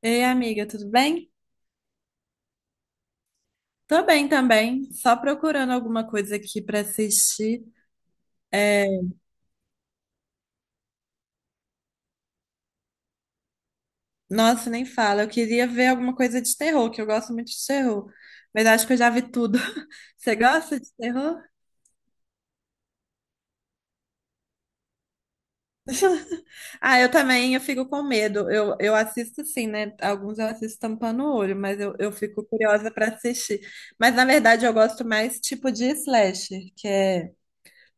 Ei, amiga, tudo bem? Tô bem também, só procurando alguma coisa aqui pra assistir. É, nossa, nem fala, eu queria ver alguma coisa de terror, que eu gosto muito de terror, mas acho que eu já vi tudo. Você gosta de terror? Ah, eu também, eu fico com medo. Eu assisto sim, né? Alguns eu assisto tampando o olho, mas eu fico curiosa pra assistir. Mas na verdade eu gosto mais tipo de slasher, que é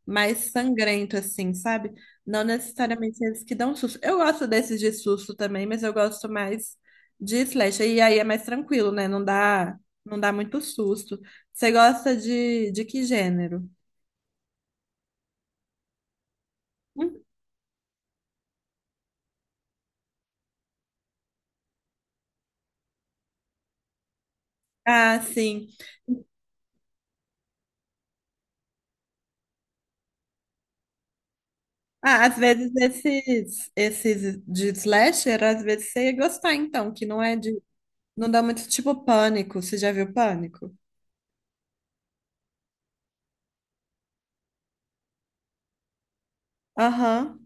mais sangrento, assim, sabe? Não necessariamente eles que dão susto. Eu gosto desses de susto também, mas eu gosto mais de slasher. E aí é mais tranquilo, né? Não dá muito susto. Você gosta de que gênero? Hum? Ah, sim. Ah, às vezes esses de slasher, às vezes você ia gostar, então, que não é de. Não dá muito tipo pânico. Você já viu pânico? Aham.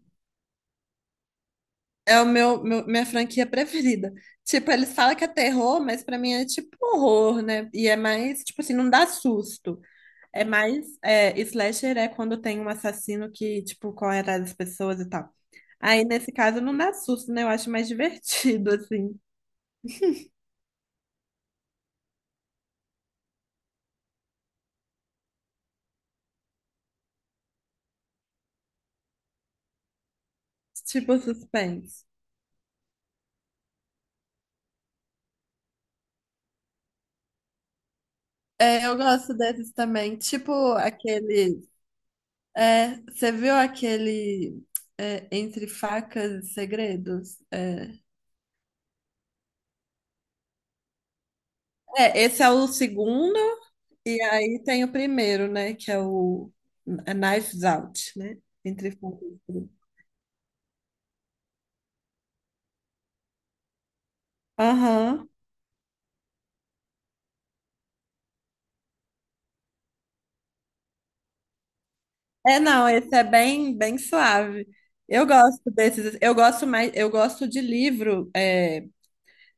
É o minha franquia preferida. Tipo, eles falam que é terror, mas pra mim é tipo horror, né? E é mais, tipo assim, não dá susto. É mais, é, slasher é quando tem um assassino que, tipo, corre atrás das pessoas e tal. Aí, nesse caso, não dá susto, né? Eu acho mais divertido, assim. Tipo, suspense. É, eu gosto desses também. Tipo, aquele... É, você viu aquele... é, Entre Facas e Segredos? É, esse é o segundo. E aí tem o primeiro, né? Que é o a Knives Out, né? Entre Facas e Segredos. Aham. É, não, esse é bem, bem suave. Eu gosto desses. Eu gosto mais, eu gosto de livro é,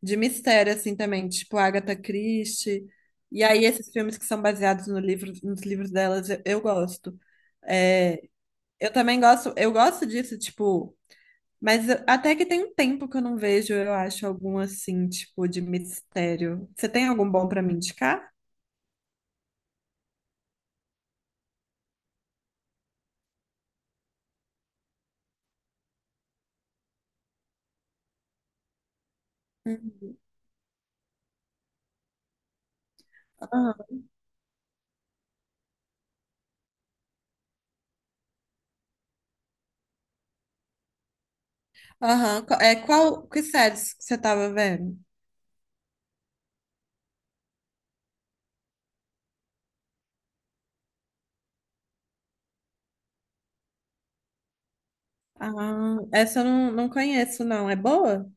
de mistério, assim, também, tipo Agatha Christie. E aí, esses filmes que são baseados no livro, nos livros delas, eu gosto. É, eu também gosto, eu gosto disso, tipo. Mas eu- até que tem um tempo que eu não vejo, eu acho, algum assim, tipo, de mistério. Você tem algum bom pra me indicar? Uhum. Aham. Aham. É, que séries que você tava vendo? Ah, essa eu não conheço, não. É boa?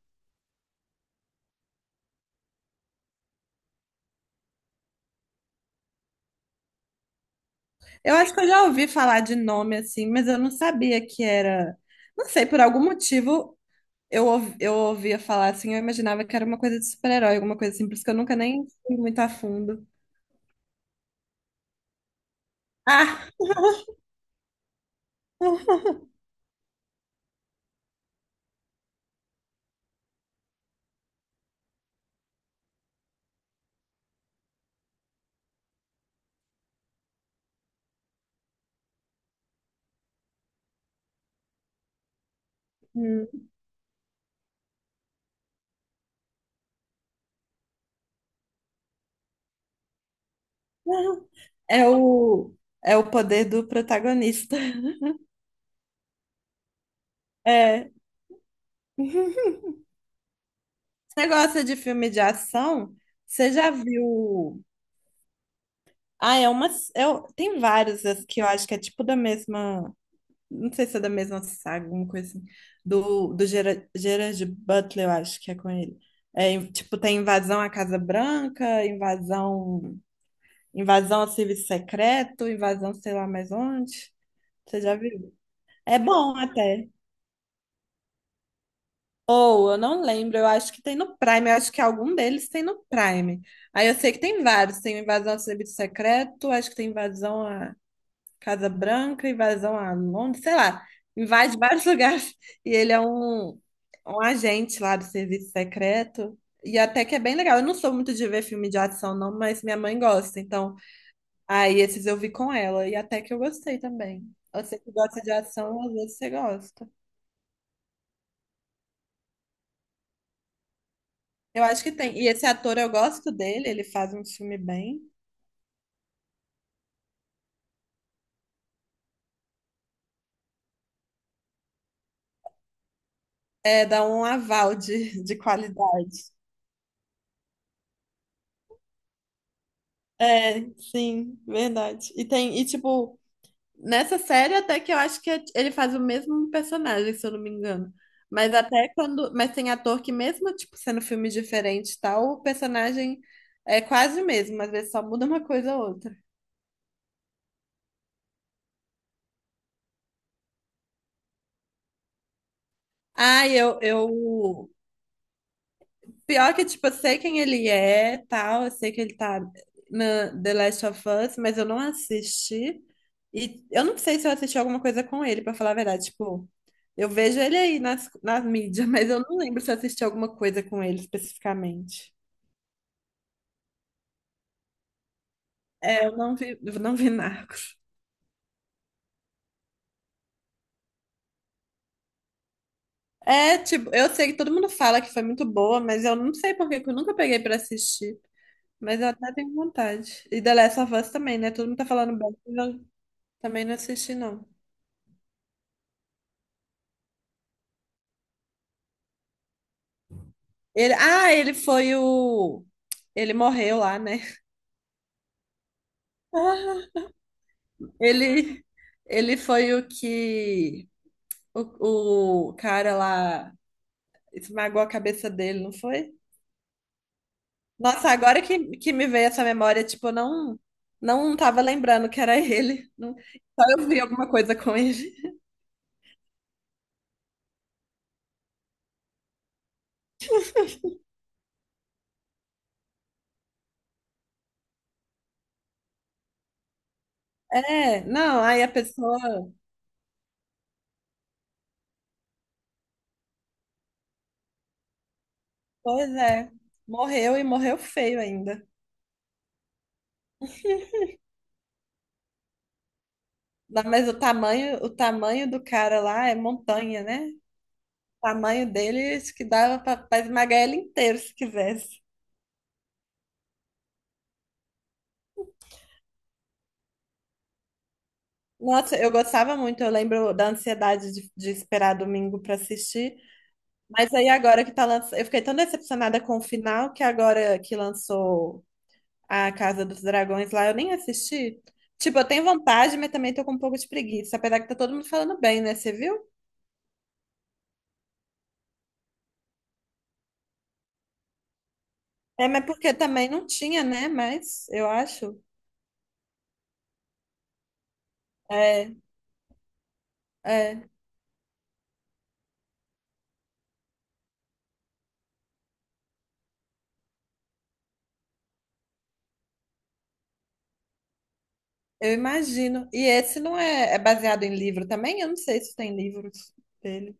Eu acho que eu já ouvi falar de nome assim, mas eu não sabia que era. Não sei, por algum motivo eu ouvia falar assim, eu imaginava que era uma coisa de super-herói, alguma coisa assim, por isso que eu nunca nem fui muito a fundo. Ah! Hum. É o, é o poder do protagonista. É. Você gosta de filme de ação? Você já viu? Ah, é uma. Eu, tem vários as que eu acho que é tipo da mesma. Não sei se é da mesma saga, alguma coisa assim, do Gerard Butler, eu acho que é com ele. É, em- tipo, tem invasão à Casa Branca, invasão ao serviço secreto, invasão sei lá mais onde. Você já viu? É bom até. Ou, eu não lembro, eu acho que tem no Prime, eu acho que algum deles tem no Prime. Aí eu sei que tem vários, tem invasão ao serviço secreto, acho que tem invasão Casa Branca, invasão a Londres, sei lá, invade vários lugares. E ele é um agente lá do serviço secreto. E até que é bem legal. Eu não sou muito de ver filme de ação, não, mas minha mãe gosta. Então, aí esses eu vi com ela. E até que eu gostei também. Você que gosta de ação, às vezes você gosta. Eu acho que tem. E esse ator, eu gosto dele, ele faz um filme bem. É, dá um aval de qualidade. É, sim, verdade. E tem, e tipo, nessa série, até que eu acho que é, ele faz o mesmo personagem, se eu não me engano. Mas até quando. Mas tem ator que, mesmo, tipo, sendo filme diferente e tal, o personagem é quase o mesmo, às vezes só muda uma coisa ou outra. Ah, eu pior que, tipo, eu sei quem ele é, tal, eu sei que ele tá na The Last of Us, mas eu não assisti. E eu não sei se eu assisti alguma coisa com ele, pra falar a verdade. Tipo, eu vejo ele aí nas mídias, mas eu não lembro se eu assisti alguma coisa com ele especificamente. É, eu não vi Narcos. É, tipo, eu sei que todo mundo fala que foi muito boa, mas eu não sei por que que eu nunca peguei pra assistir. Mas eu até tenho vontade. E The Last of Us também, né? Todo mundo tá falando bem, mas eu também não assisti, não. Ele, ah, ele foi o. Ele morreu lá, né? Ah, Ele, ele foi o que. O cara lá esmagou a cabeça dele, não foi? Nossa, agora que me veio essa memória, tipo, eu não. Não tava lembrando que era ele. Não- só eu vi alguma coisa com ele. É, não, aí a pessoa. Pois é, morreu e morreu feio ainda. Não, mas o tamanho do cara lá é montanha, né? Tamanho deles que dava para esmagar ele inteiro se quisesse. Nossa, eu gostava muito, eu lembro da ansiedade de esperar domingo para assistir. Mas aí agora que tá lançando, eu fiquei tão decepcionada com o final que agora que lançou a Casa dos Dragões lá, eu nem assisti. Tipo, eu tenho vontade, mas também tô com um pouco de preguiça, apesar que tá todo mundo falando bem, né? Você viu? É, mas porque também não tinha, né? Mas eu acho. É, é. Eu imagino. E esse não é, é baseado em livro também? Eu não sei se tem livros dele.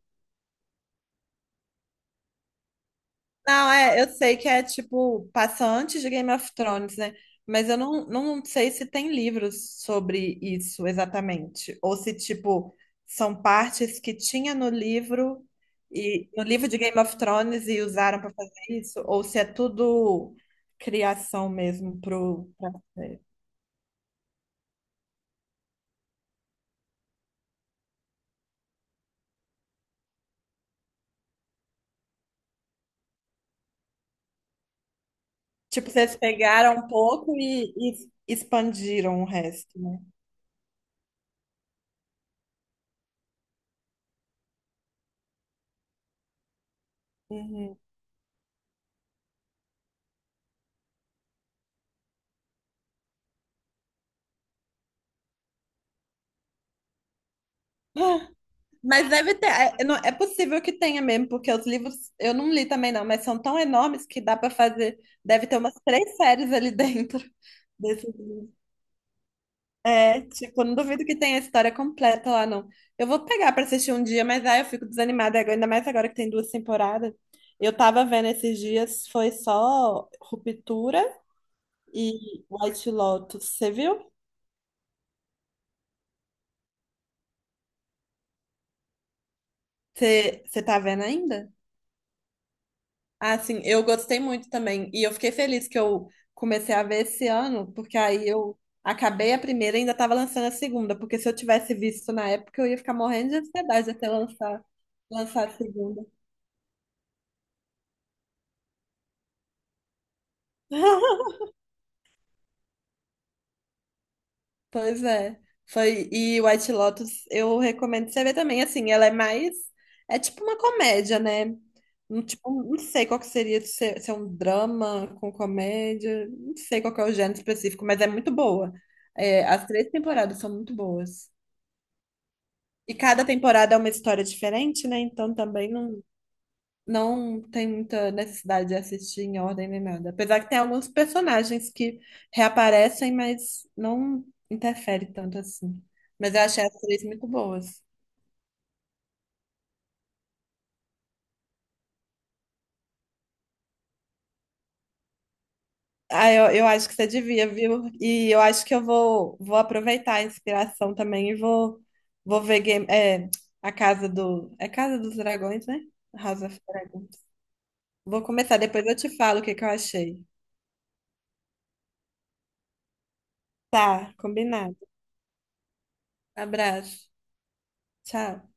Não, é, eu sei que é tipo, passa antes de Game of Thrones, né? Mas eu não sei se tem livros sobre isso exatamente. Ou se, tipo, são partes que tinha no livro e no livro de Game of Thrones e usaram para fazer isso, ou se é tudo criação mesmo pro, pra série. Tipo, vocês pegaram um pouco e expandiram o resto. Uhum. Ah, mas deve ter. É possível que tenha mesmo, porque os livros eu não li também, não, mas são tão enormes que dá para fazer. Deve ter umas três séries ali dentro desses livros. É, tipo, não duvido que tenha a história completa lá, não. Eu vou pegar para assistir um dia, mas aí eu fico desanimada, agora- ainda mais agora que tem duas temporadas. Eu tava vendo esses dias, foi só Ruptura e White Lotus. Você viu? Você tá vendo ainda? Ah, sim, eu gostei muito também. E eu fiquei feliz que eu comecei a ver esse ano, porque aí eu acabei a primeira e ainda estava lançando a segunda. Porque se eu tivesse visto na época, eu ia ficar morrendo de ansiedade até lançar a segunda. Pois é. Foi, e White Lotus, eu recomendo você ver também, assim, ela é mais, é tipo uma comédia, né? Não, tipo, não sei qual que seria, se é se é um drama com comédia, não sei qual que é o gênero específico, mas é muito boa. É, as três temporadas são muito boas. E cada temporada é uma história diferente, né? Então também não, não tem muita necessidade de assistir em ordem nem nada. Apesar que tem alguns personagens que reaparecem, mas não interfere tanto assim. Mas eu achei as três muito boas. Ah, eu acho que você devia, viu? E eu acho que eu vou aproveitar a inspiração também e vou, vou ver a Casa do. É Casa dos Dragões, né? House of Dragons. Vou começar, depois eu te falo o que que eu achei. Tá, combinado. Abraço. Tchau.